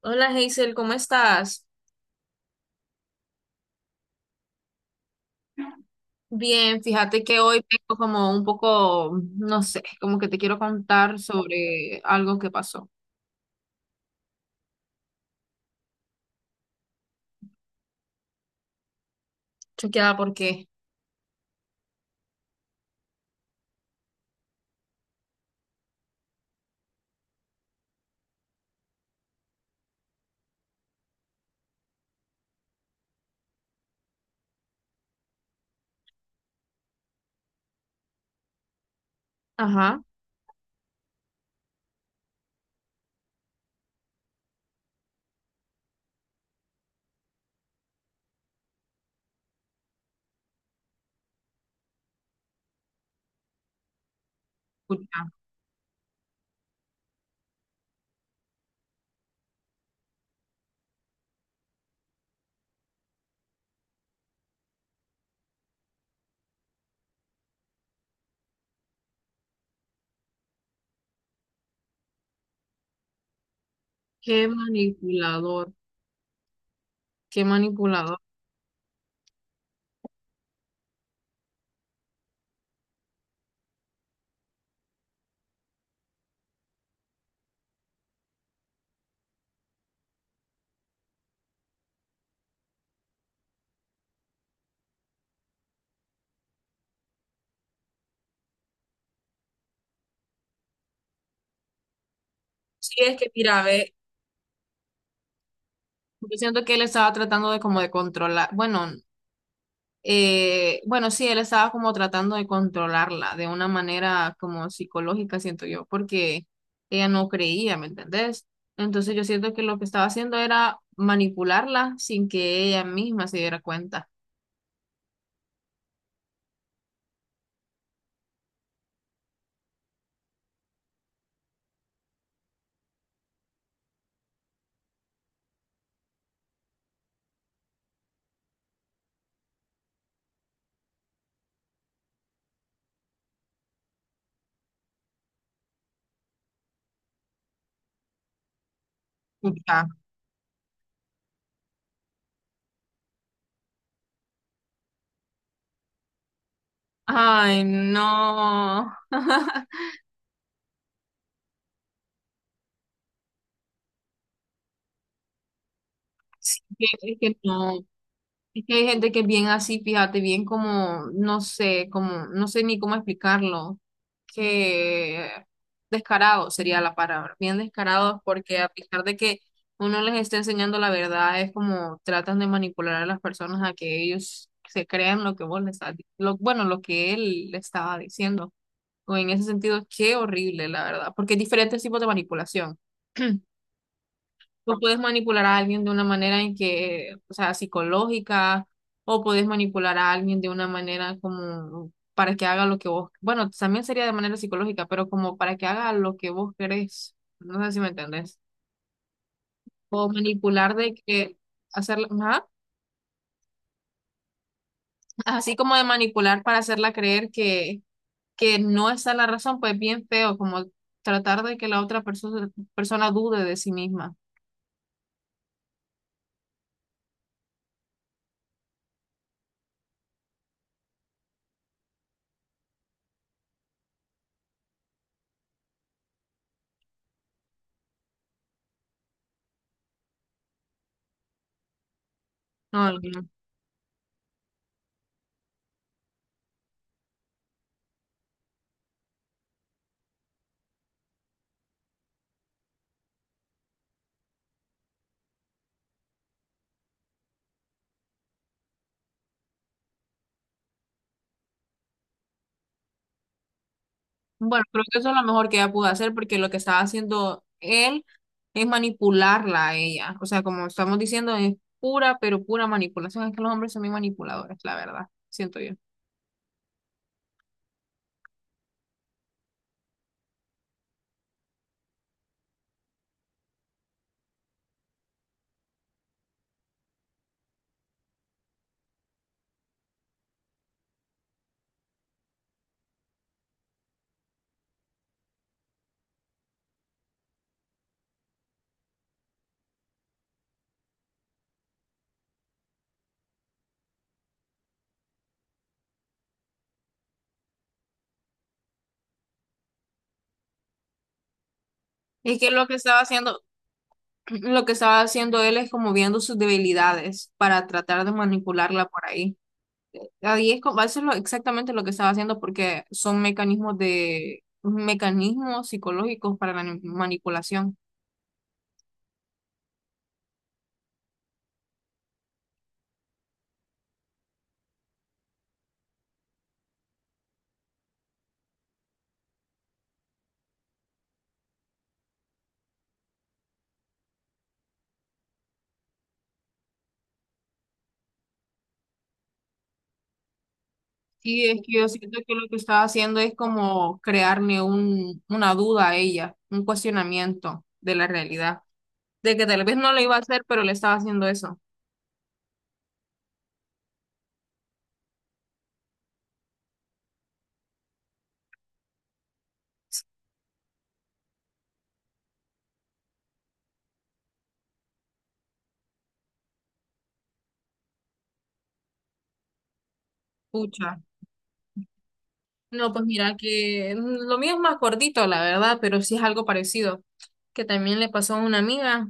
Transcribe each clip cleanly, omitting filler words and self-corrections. Hola Hazel, ¿cómo estás? Bien, fíjate que hoy tengo como un poco, no sé, como que te quiero contar sobre algo que pasó. ¿Chequeada por qué? Ajá, escucha, qué manipulador, qué manipulador. Sí, es que mira, ve, yo siento que él estaba tratando de como de controlar, bueno, bueno, sí, él estaba como tratando de controlarla de una manera como psicológica, siento yo, porque ella no creía, ¿me entendés? Entonces yo siento que lo que estaba haciendo era manipularla sin que ella misma se diera cuenta. Ya. Ay, no. Sí, es que no. Es que hay gente que es bien así, fíjate, bien como, no sé ni cómo explicarlo, que descarado sería la palabra, bien descarados porque a pesar de que uno les esté enseñando la verdad, es como tratan de manipular a las personas a que ellos se crean lo que vos les estás, lo, bueno, lo que él le estaba diciendo. O en ese sentido, qué horrible, la verdad, porque hay diferentes tipos de manipulación. Tú puedes manipular a alguien de una manera en que, o sea, psicológica, o puedes manipular a alguien de una manera como para que haga lo que vos, bueno, también sería de manera psicológica, pero como para que haga lo que vos querés. No sé si me entendés. O manipular de que hacerla, ajá, así como de manipular para hacerla creer que no está la razón, pues bien feo, como tratar de que la otra persona dude de sí misma. No, no. No. Bueno, creo que eso es lo mejor que ella pudo hacer porque lo que estaba haciendo él es manipularla a ella. O sea, como estamos diciendo, es pura, pero pura manipulación. Es que los hombres son muy manipuladores, la verdad, siento yo. Es que lo que estaba haciendo, lo que estaba haciendo él es como viendo sus debilidades para tratar de manipularla por ahí. Ahí es como, eso es exactamente lo que estaba haciendo porque son mecanismos de, mecanismos psicológicos para la manipulación. Sí, es que yo siento que lo que estaba haciendo es como crearme un, una duda a ella, un cuestionamiento de la realidad, de que tal vez no lo iba a hacer, pero le estaba haciendo eso. Pucha. No, pues mira que lo mío es más cortito, la verdad, pero sí es algo parecido, que también le pasó a una amiga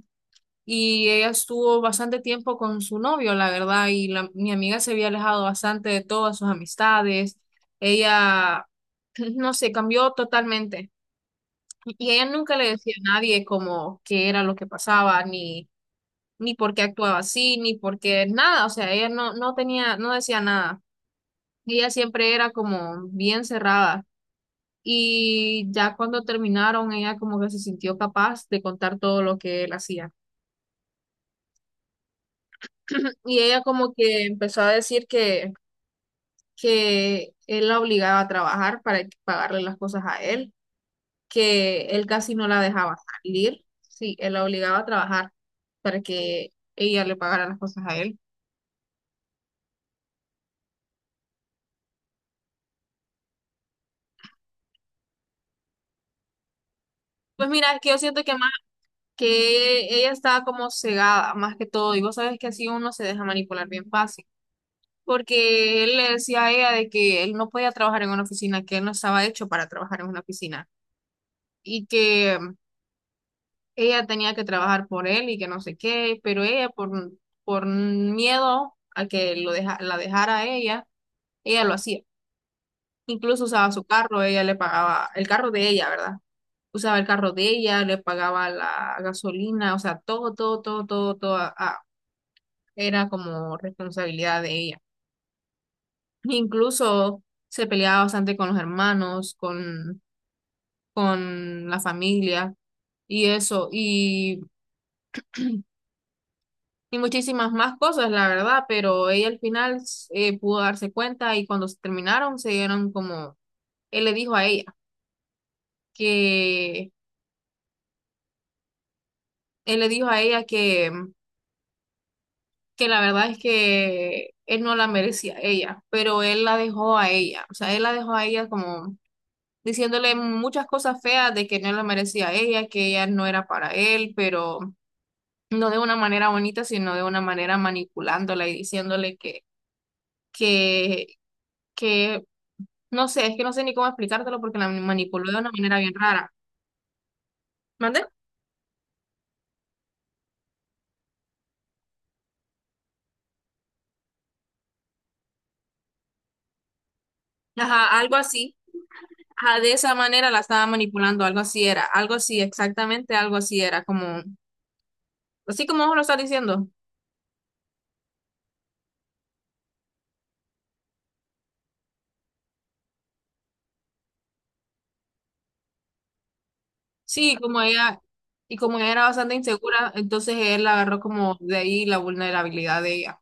y ella estuvo bastante tiempo con su novio, la verdad, y la, mi amiga se había alejado bastante de todas sus amistades. Ella, no sé, cambió totalmente. Y ella nunca le decía a nadie como qué era lo que pasaba, ni, ni por qué actuaba así, ni por qué nada. O sea, ella no, no tenía, no decía nada. Ella siempre era como bien cerrada. Y ya cuando terminaron, ella como que se sintió capaz de contar todo lo que él hacía. Y ella como que empezó a decir que él la obligaba a trabajar para pagarle las cosas a él, que él casi no la dejaba salir, sí, él la obligaba a trabajar para que ella le pagara las cosas a él. Pues mira, es que yo siento que más que ella estaba como cegada, más que todo, y vos sabes que así uno se deja manipular bien fácil, porque él le decía a ella de que él no podía trabajar en una oficina, que él no estaba hecho para trabajar en una oficina, y que ella tenía que trabajar por él y que no sé qué, pero ella por miedo a que lo deja, la dejara a ella, ella lo hacía. Incluso usaba su carro, ella le pagaba el carro de ella, ¿verdad? Usaba el carro de ella, le pagaba la gasolina, o sea, todo, todo, todo, todo, todo, era como responsabilidad de ella. Incluso se peleaba bastante con los hermanos, con la familia y eso, y muchísimas más cosas, la verdad, pero ella al final pudo darse cuenta y cuando se terminaron se dieron como, él le dijo a ella que, él le dijo a ella que la verdad es que él no la merecía ella, pero él la dejó a ella, o sea, él la dejó a ella como diciéndole muchas cosas feas de que no la merecía a ella, que ella no era para él, pero no de una manera bonita, sino de una manera manipulándola y diciéndole que, que, no sé, es que no sé ni cómo explicártelo porque la manipuló de una manera bien rara. ¿Mande? Ajá, algo así. Ajá, de esa manera la estaba manipulando, algo así era, algo así, exactamente algo así era, como, así como vos lo estás diciendo. Sí, como ella, y como ella era bastante insegura, entonces él agarró como de ahí la vulnerabilidad de ella.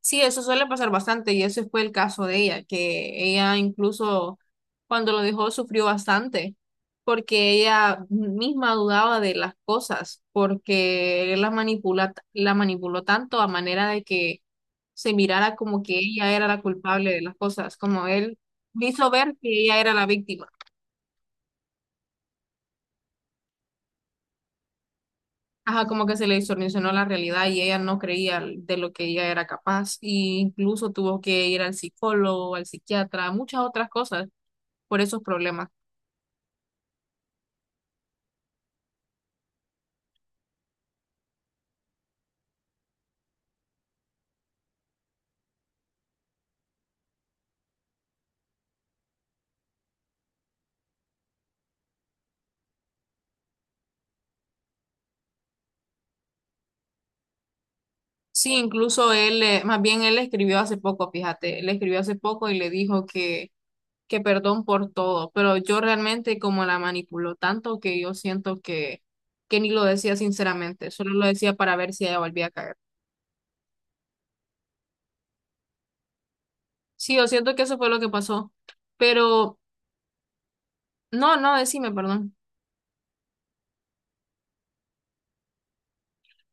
Sí, eso suele pasar bastante y ese fue el caso de ella, que ella incluso cuando lo dejó sufrió bastante porque ella misma dudaba de las cosas, porque él la manipula, la manipuló tanto a manera de que se mirara como que ella era la culpable de las cosas, como él le hizo ver que ella era la víctima. Ajá, como que se le distorsionó la realidad y ella no creía de lo que ella era capaz, y incluso tuvo que ir al psicólogo, al psiquiatra, muchas otras cosas por esos problemas. Sí, incluso él, más bien él le escribió hace poco, fíjate, le escribió hace poco y le dijo que perdón por todo, pero yo realmente como la manipuló tanto que yo siento que ni lo decía sinceramente, solo lo decía para ver si ella volvía a caer. Sí, yo siento que eso fue lo que pasó, pero no, no, decime, perdón.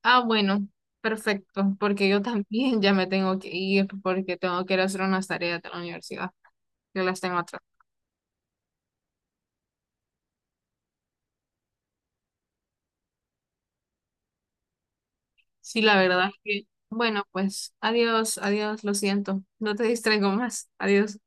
Ah, bueno, perfecto, porque yo también ya me tengo que ir porque tengo que ir a hacer unas tareas de la universidad. Yo las tengo atrás. Sí, la verdad es que, bueno, pues adiós, adiós, lo siento. No te distraigo más. Adiós.